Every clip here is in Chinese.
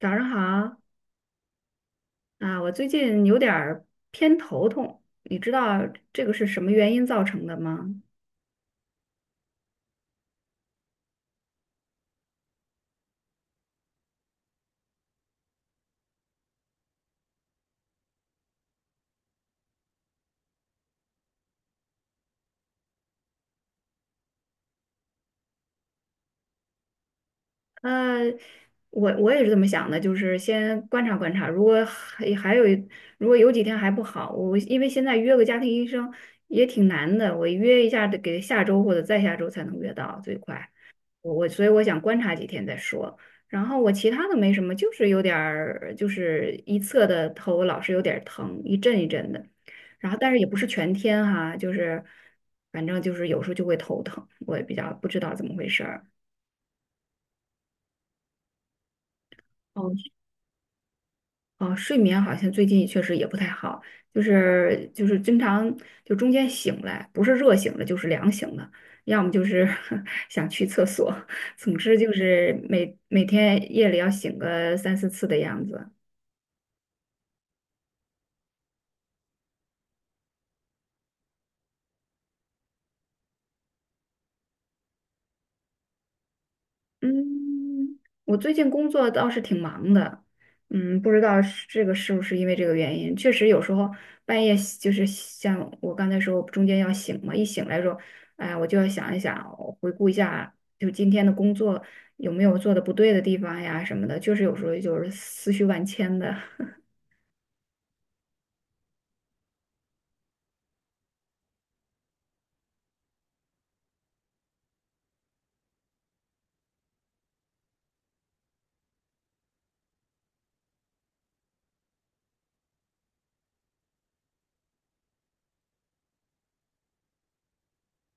早上好啊，我最近有点儿偏头痛，你知道这个是什么原因造成的吗？呃，我也是这么想的，就是先观察观察，如果有几天还不好，我因为现在约个家庭医生也挺难的，我约一下得给下周或者再下周才能约到，最快。我所以我想观察几天再说。然后我其他的没什么，就是有点儿，就是一侧的头老是有点儿疼，一阵一阵的。然后但是也不是全天哈、就是反正就是有时候就会头疼，我也比较不知道怎么回事儿。哦哦，睡眠好像最近确实也不太好，就是经常就中间醒来，不是热醒了就是凉醒了，要么就是 想去厕所，总之就是每天夜里要醒个三四次的样子。嗯，我最近工作倒是挺忙的，不知道是这个是不是因为这个原因，确实有时候半夜就是像我刚才说，中间要醒嘛，一醒来说，哎，我就要想一想，我回顾一下，就今天的工作有没有做的不对的地方呀什么的，就是有时候就是思绪万千的。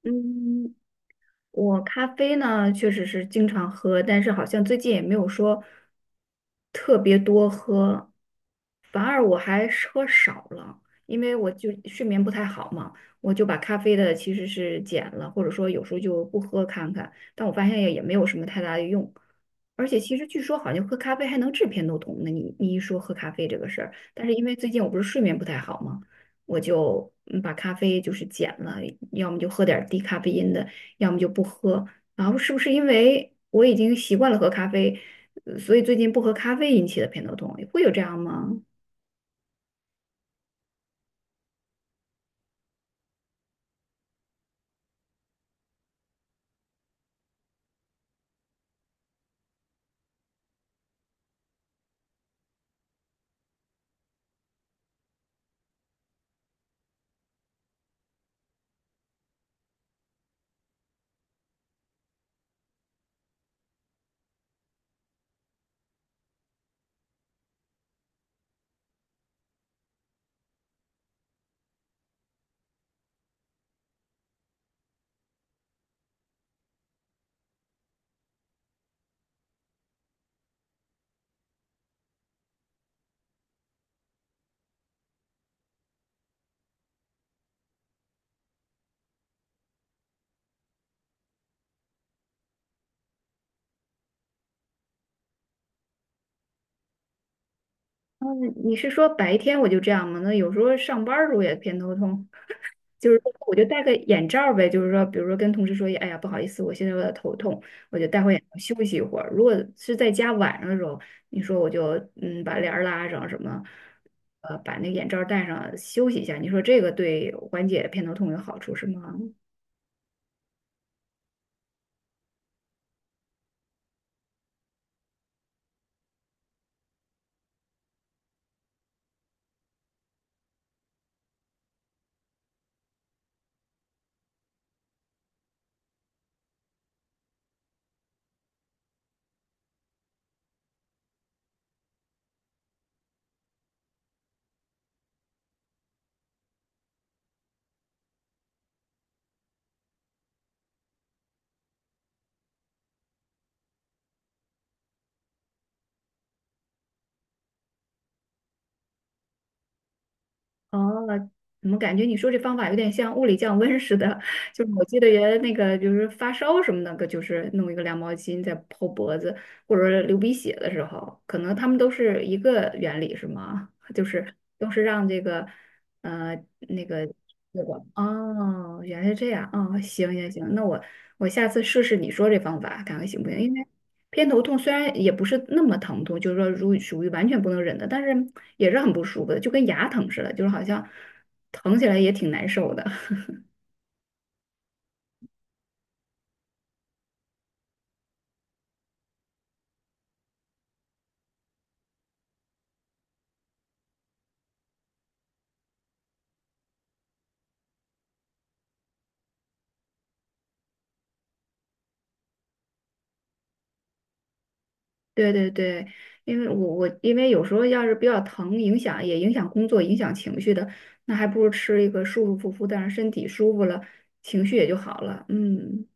嗯，我咖啡呢，确实是经常喝，但是好像最近也没有说特别多喝，反而我还是喝少了，因为我就睡眠不太好嘛，我就把咖啡的其实是减了，或者说有时候就不喝看看，但我发现也没有什么太大的用，而且其实据说好像喝咖啡还能治偏头痛呢，你一说喝咖啡这个事儿，但是因为最近我不是睡眠不太好嘛。我就把咖啡就是减了，要么就喝点儿低咖啡因的。要么就不喝。然后是不是因为我已经习惯了喝咖啡，所以最近不喝咖啡引起的偏头痛，会有这样吗？嗯，你是说白天我就这样吗？那有时候上班儿时候也偏头痛，就是说我就戴个眼罩儿呗，就是说，比如说跟同事说，哎呀，不好意思，我现在有点头痛，我就戴会眼罩休息一会儿。如果是在家晚上的时候，你说我就把帘儿拉上什么，把那个眼罩儿戴上休息一下，你说这个对缓解偏头痛有好处是吗？哦，怎么感觉你说这方法有点像物理降温似的？就是我记得原来那个，就是发烧什么那个，就是弄一个凉毛巾在泡脖子，或者流鼻血的时候，可能他们都是一个原理，是吗？就是都是让这个呃那个血管。哦，原来是这样。哦，行行行，那我下次试试你说这方法，看看行不行？因为偏头痛虽然也不是那么疼痛，就是说如属于完全不能忍的，但是也是很不舒服的，就跟牙疼似的，就是好像疼起来也挺难受的。对对对，因为我我因为有时候要是比较疼，影响也影响工作，影响情绪的，那还不如吃一个舒舒服服的，让身体舒服了，情绪也就好了。嗯。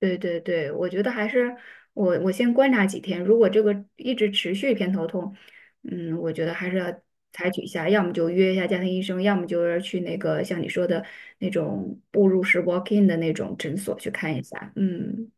对对对，我觉得还是我先观察几天，如果这个一直持续偏头痛，我觉得还是要采取一下，要么就约一下家庭医生，要么就是去那个像你说的那种步入式 walk in 的那种诊所去看一下。嗯，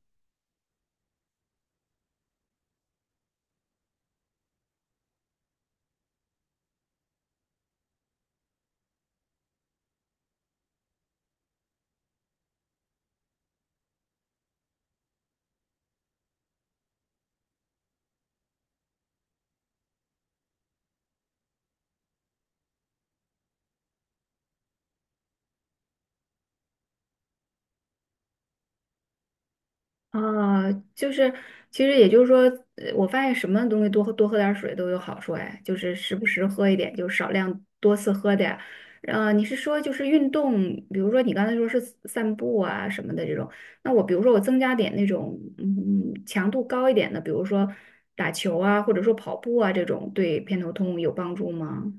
啊，就是其实也就是说，我发现什么东西多喝多喝点儿水都有好处哎，就是时不时喝一点，就少量多次喝点儿。你是说就是运动，比如说你刚才说是散步啊什么的这种，那我比如说我增加点那种强度高一点的，比如说打球啊，或者说跑步啊这种，对偏头痛有帮助吗？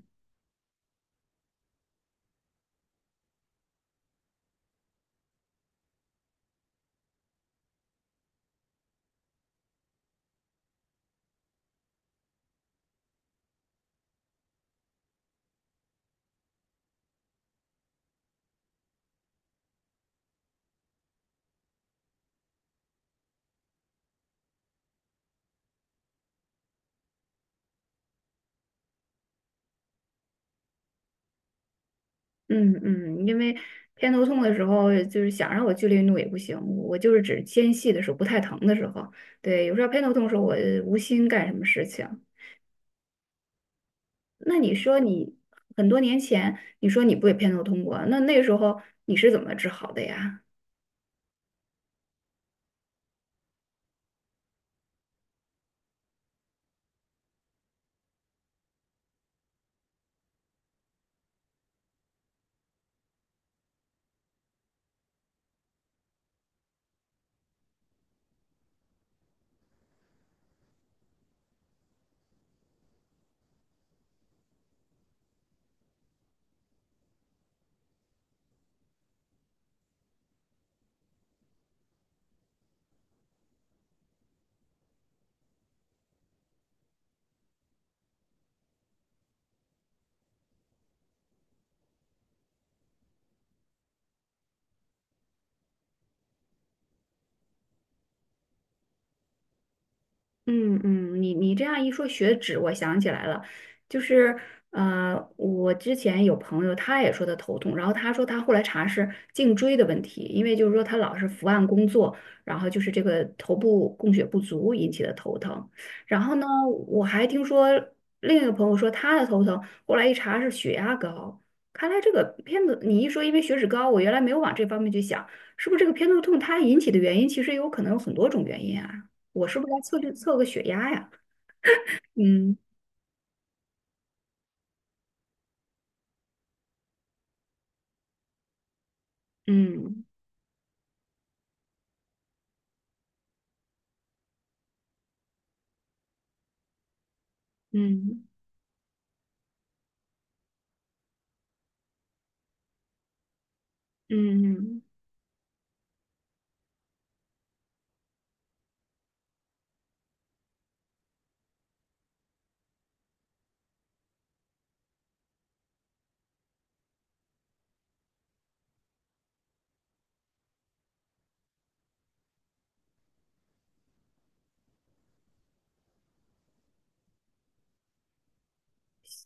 嗯嗯，因为偏头痛的时候，就是想让我剧烈运动也不行，我就是指间隙的时候不太疼的时候。对，有时候偏头痛的时候，我无心干什么事情。那你说你很多年前，你说你不也偏头痛过？那时候你是怎么治好的呀？嗯嗯，你这样一说血脂，我想起来了，就是我之前有朋友他也说他头痛，然后他说他后来查是颈椎的问题，因为就是说他老是伏案工作，然后就是这个头部供血不足引起的头疼。然后呢，我还听说另一个朋友说他的头疼，后来一查是血压高。看来这个偏头，你一说因为血脂高，我原来没有往这方面去想，是不是这个偏头痛它引起的原因其实有可能有很多种原因啊？我是不是该测量测个血压呀？嗯嗯嗯嗯。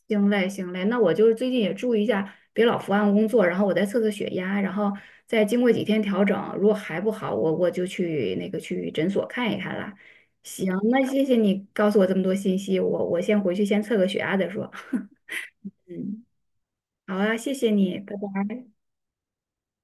行嘞，行嘞，那我就是最近也注意一下，别老伏案工作，然后我再测测血压，然后再经过几天调整，如果还不好，我就去那个去诊所看一看啦。行，那谢谢你告诉我这么多信息，我先回去先测个血压再说。嗯。好啊，谢谢你，拜拜。